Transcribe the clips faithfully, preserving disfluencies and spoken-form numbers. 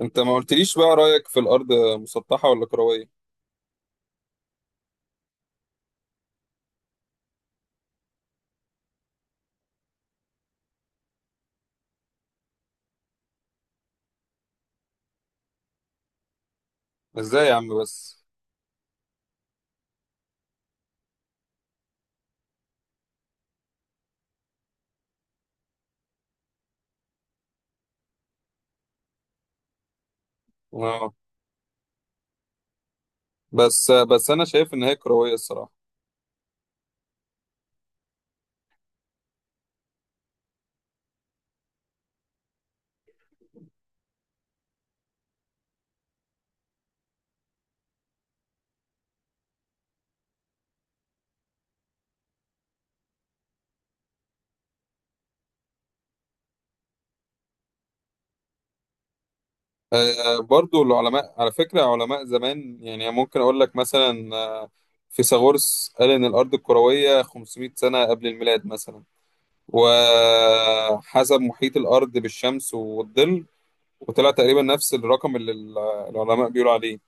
انت ما قلتليش بقى رأيك في الأرض مسطحة ولا كروية؟ ازاي يا عم بس؟ اه. بس بس انا شايف ان هي كروية الصراحة. آه، برضو العلماء على فكرة علماء زمان يعني ممكن اقول لك مثلا، آه، فيثاغورس قال ان الأرض الكروية 500 سنة قبل الميلاد مثلا، وحسب محيط الأرض بالشمس والظل، وطلع تقريبا نفس الرقم اللي العلماء بيقولوا عليه.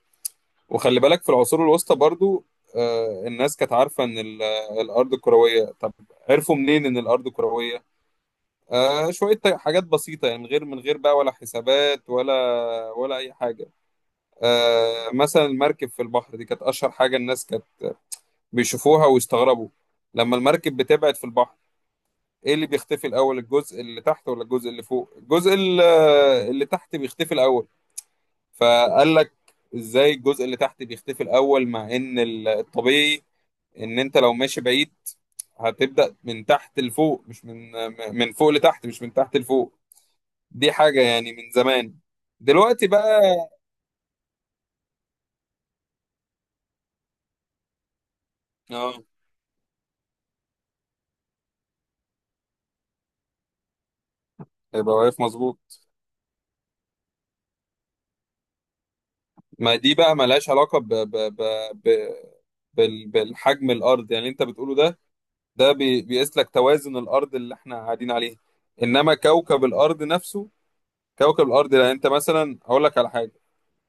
وخلي بالك في العصور الوسطى برضو، آه، الناس كانت عارفة إن ال- الأرض كروية. طب عرفوا منين إن الأرض كروية؟ آه شوية حاجات بسيطة يعني، من غير من غير بقى، ولا حسابات، ولا ولا أي حاجة. آه مثلا المركب في البحر دي كانت أشهر حاجة الناس كانت بيشوفوها ويستغربوا. لما المركب بتبعد في البحر، إيه اللي بيختفي الأول، الجزء اللي تحت ولا الجزء اللي فوق؟ الجزء ال- اللي تحت بيختفي الأول. فقال لك ازاي الجزء اللي تحت بيختفي الاول، مع ان الطبيعي ان انت لو ماشي بعيد هتبدأ من تحت لفوق، مش من من فوق لتحت، مش من تحت لفوق. دي حاجة يعني من زمان. دلوقتي بقى. اه. يبقى واقف مظبوط. ما دي بقى ملهاش علاقة ب... ب... ب... ب... بال... بالحجم الأرض، يعني اللي انت بتقوله ده، ده بي... بيقيس لك توازن الأرض اللي احنا قاعدين عليها، انما كوكب الأرض نفسه. كوكب الأرض، لا، انت مثلا هقول لك على حاجة.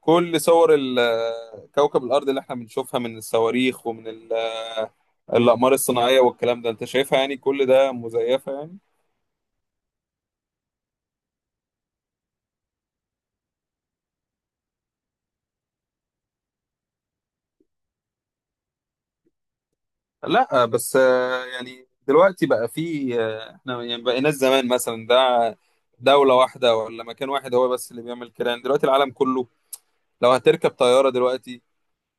كل صور ال- كوكب الأرض اللي احنا بنشوفها من الصواريخ ومن ال- الأقمار الصناعية والكلام ده، انت شايفها يعني كل ده مزيفة يعني؟ لا، بس آه، يعني دلوقتي بقى في آه، احنا يعني بقيناش زمان مثلا ده دولة واحدة ولا مكان واحد هو بس اللي بيعمل كده. يعني دلوقتي العالم كله، لو هتركب طيارة دلوقتي،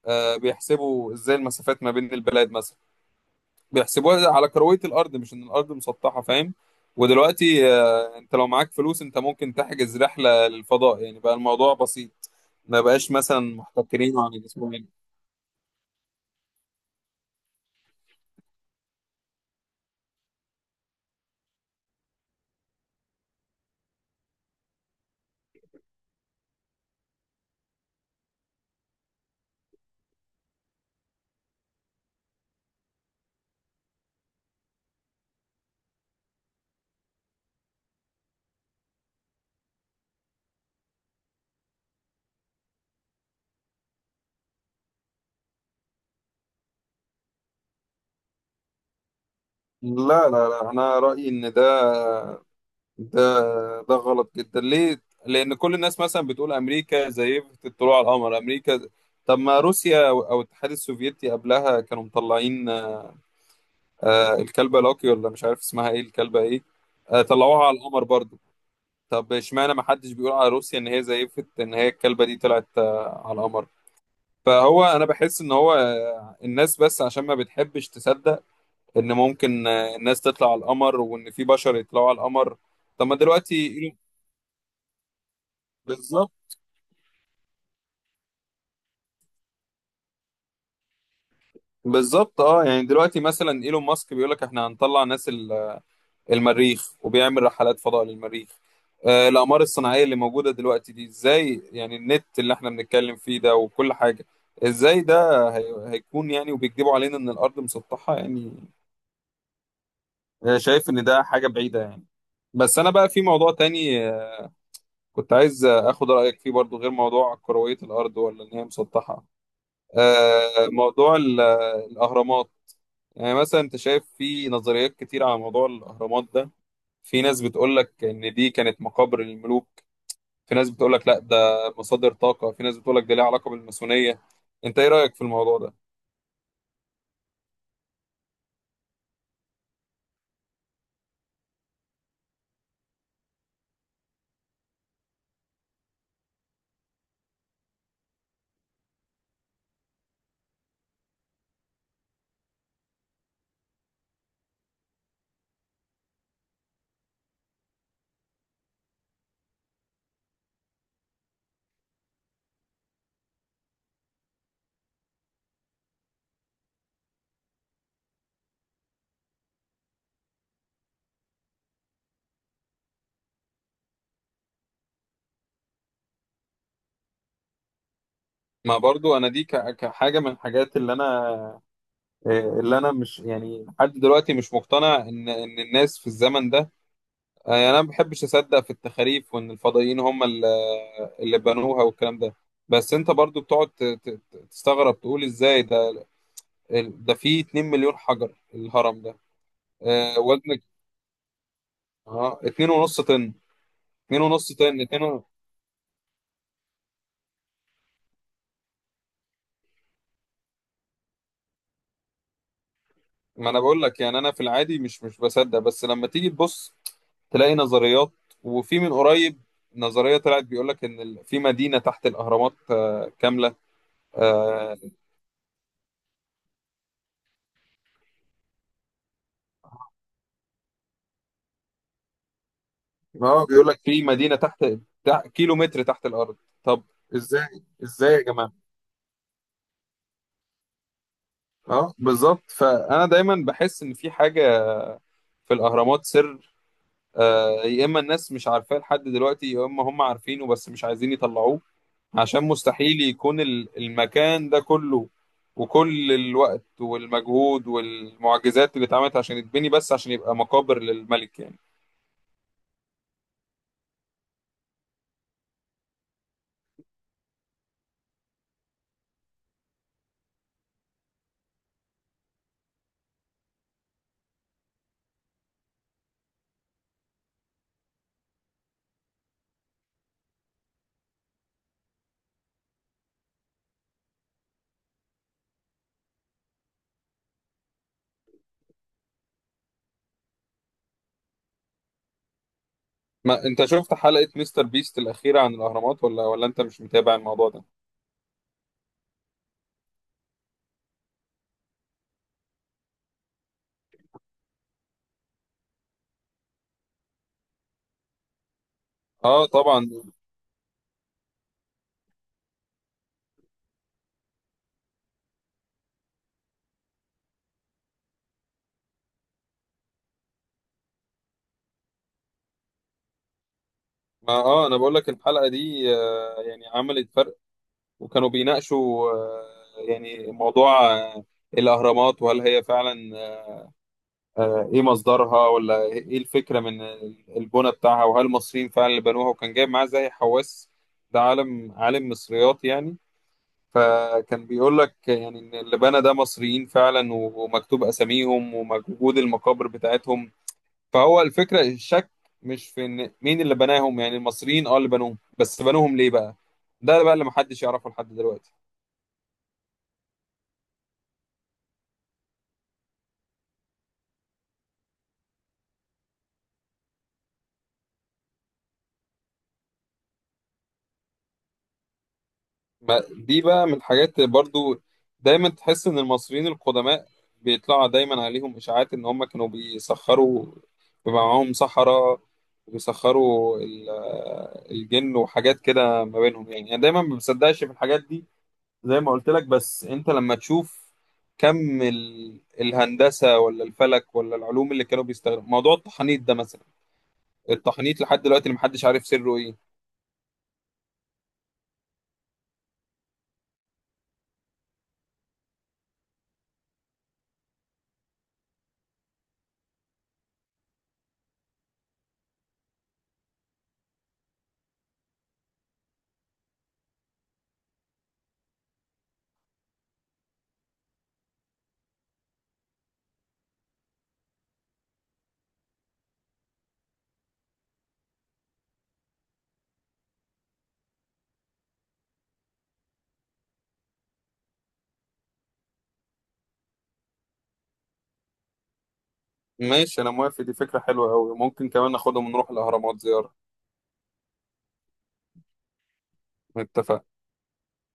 آه، بيحسبوا ازاي المسافات ما بين البلاد مثلا، بيحسبوها على كروية الأرض مش إن الأرض مسطحة، فاهم؟ ودلوقتي آه، أنت لو معاك فلوس أنت ممكن تحجز رحلة للفضاء، يعني بقى الموضوع بسيط، ما بقاش مثلا محتكرين عن الأسبوعين. لا، لا، لا، أنا رأيي إن ده، ده ده غلط جدا. ليه؟ لأن كل الناس مثلا بتقول أمريكا زيفت الطلوع على القمر. أمريكا؟ طب ما روسيا أو أو الاتحاد السوفيتي قبلها كانوا مطلعين، آه، آه، الكلبة لوكي ولا مش عارف اسمها إيه الكلبة إيه، آه، طلعوها على القمر برضو. طب اشمعنى ما حدش بيقول على روسيا ان هي زيفت ان هي الكلبه دي طلعت آه، على القمر؟ فهو انا بحس ان هو، آه، الناس بس عشان ما بتحبش تصدق ان ممكن آه، الناس تطلع على القمر، وان في بشر يطلعوا على القمر. طب ما دلوقتي إيلون- بالظبط. بالظبط، اه. يعني دلوقتي مثلا ايلون ماسك بيقول لك احنا هنطلع ناس المريخ، وبيعمل رحلات فضاء للمريخ. آه، الأقمار الصناعية اللي موجودة دلوقتي دي ازاي يعني، النت اللي احنا بنتكلم فيه ده وكل حاجة، ازاي ده هي- هيكون يعني وبيكذبوا علينا ان الأرض مسطحة يعني؟ آه، شايف ان ده حاجة بعيدة يعني. بس انا بقى في موضوع تاني، آه، كنت عايز آه، اخد رأيك فيه برضو غير موضوع كروية الأرض ولا ان هي مسطحة. آه، موضوع ال- آه، الأهرامات. يعني مثلا انت شايف في نظريات كتير على موضوع الأهرامات ده. في ناس بتقول لك ان دي كانت مقابر الملوك، في ناس بتقول لك لا ده مصادر طاقة، في ناس بتقول لك ده ليه علاقة بالماسونية. انت ايه رأيك في الموضوع ده؟ ما برضو انا دي ك- كحاجة من الحاجات اللي انا، اللي انا مش يعني لحد دلوقتي مش مقتنع ان ان الناس في الزمن ده، يعني انا ما بحبش اصدق في التخاريف، وان الفضائيين هم اللي اللي بنوها والكلام ده. بس انت برضو بتقعد ت- ت- تستغرب، تقول ازاي ده، ده فيه 2 مليون حجر الهرم ده. آه، وزن، اه 2.5 طن، 2.5 طن، 2 ما انا بقول لك يعني انا في العادي مش مش بصدق، بس لما تيجي تبص تلاقي نظريات. وفي من قريب نظرية طلعت بيقول لك ان ال- في مدينة تحت الاهرامات آه، كاملة. آه، اه بيقول لك في مدينة تحت، تع- كيلو متر تحت الارض. طب ازاي ازاي يا جماعة؟ اه بالظبط. فانا دايما بحس ان في حاجة في الاهرامات سر. آه، يا اما الناس مش عارفاه لحد دلوقتي، يا اما هم عارفينه بس مش عايزين يطلعوه. عشان مستحيل يكون ال- المكان ده كله، وكل الوقت والمجهود والمعجزات اللي اتعملت عشان يتبني، بس عشان يبقى مقابر للملك يعني. ما انت شفت حلقة مستر بيست الأخيرة عن الأهرامات ولا ولا انت مش متابع الموضوع ده؟ اه طبعا. ما اه انا بقول لك الحلقة دي آه، يعني عملت فرق. وكانوا بيناقشوا آه، يعني موضوع آه، الأهرامات، وهل هي فعلا آه، ايه مصدرها، ولا ايه الفكره من البنى بتاعها، وهل المصريين فعلا اللي بنوها. وكان جايب معاه زي حواس، ده عالم عالم مصريات يعني. فكان بيقول لك يعني ان اللي بنى ده مصريين فعلا، ومكتوب اساميهم وموجود المقابر بتاعتهم. فهو الفكره، الشك مش في ان مين اللي بناهم، يعني المصريين اه اللي بنوهم، بس بنوهم ليه بقى؟ ده بقى اللي محدش يعرفه لحد دلوقتي. ما دي بقى من الحاجات برضو، دايما تحس ان المصريين القدماء بيطلع دايما عليهم اشاعات ان هم كانوا بيسخروا، بيبقى معاهم سحرة وبيسخروا ال- الجن وحاجات كده ما بينهم. يعني انا دايما ما بصدقش في الحاجات دي، زي ما قلت لك. بس انت لما تشوف كم ال- الهندسة ولا الفلك ولا العلوم اللي كانوا بيستخدموا، موضوع التحنيط ده مثلا، التحنيط لحد دلوقتي اللي محدش عارف سره ايه. ماشي، انا موافق، دي فكرة حلوة قوي، ممكن كمان ناخدهم ونروح الاهرامات زيارة. اتفقنا.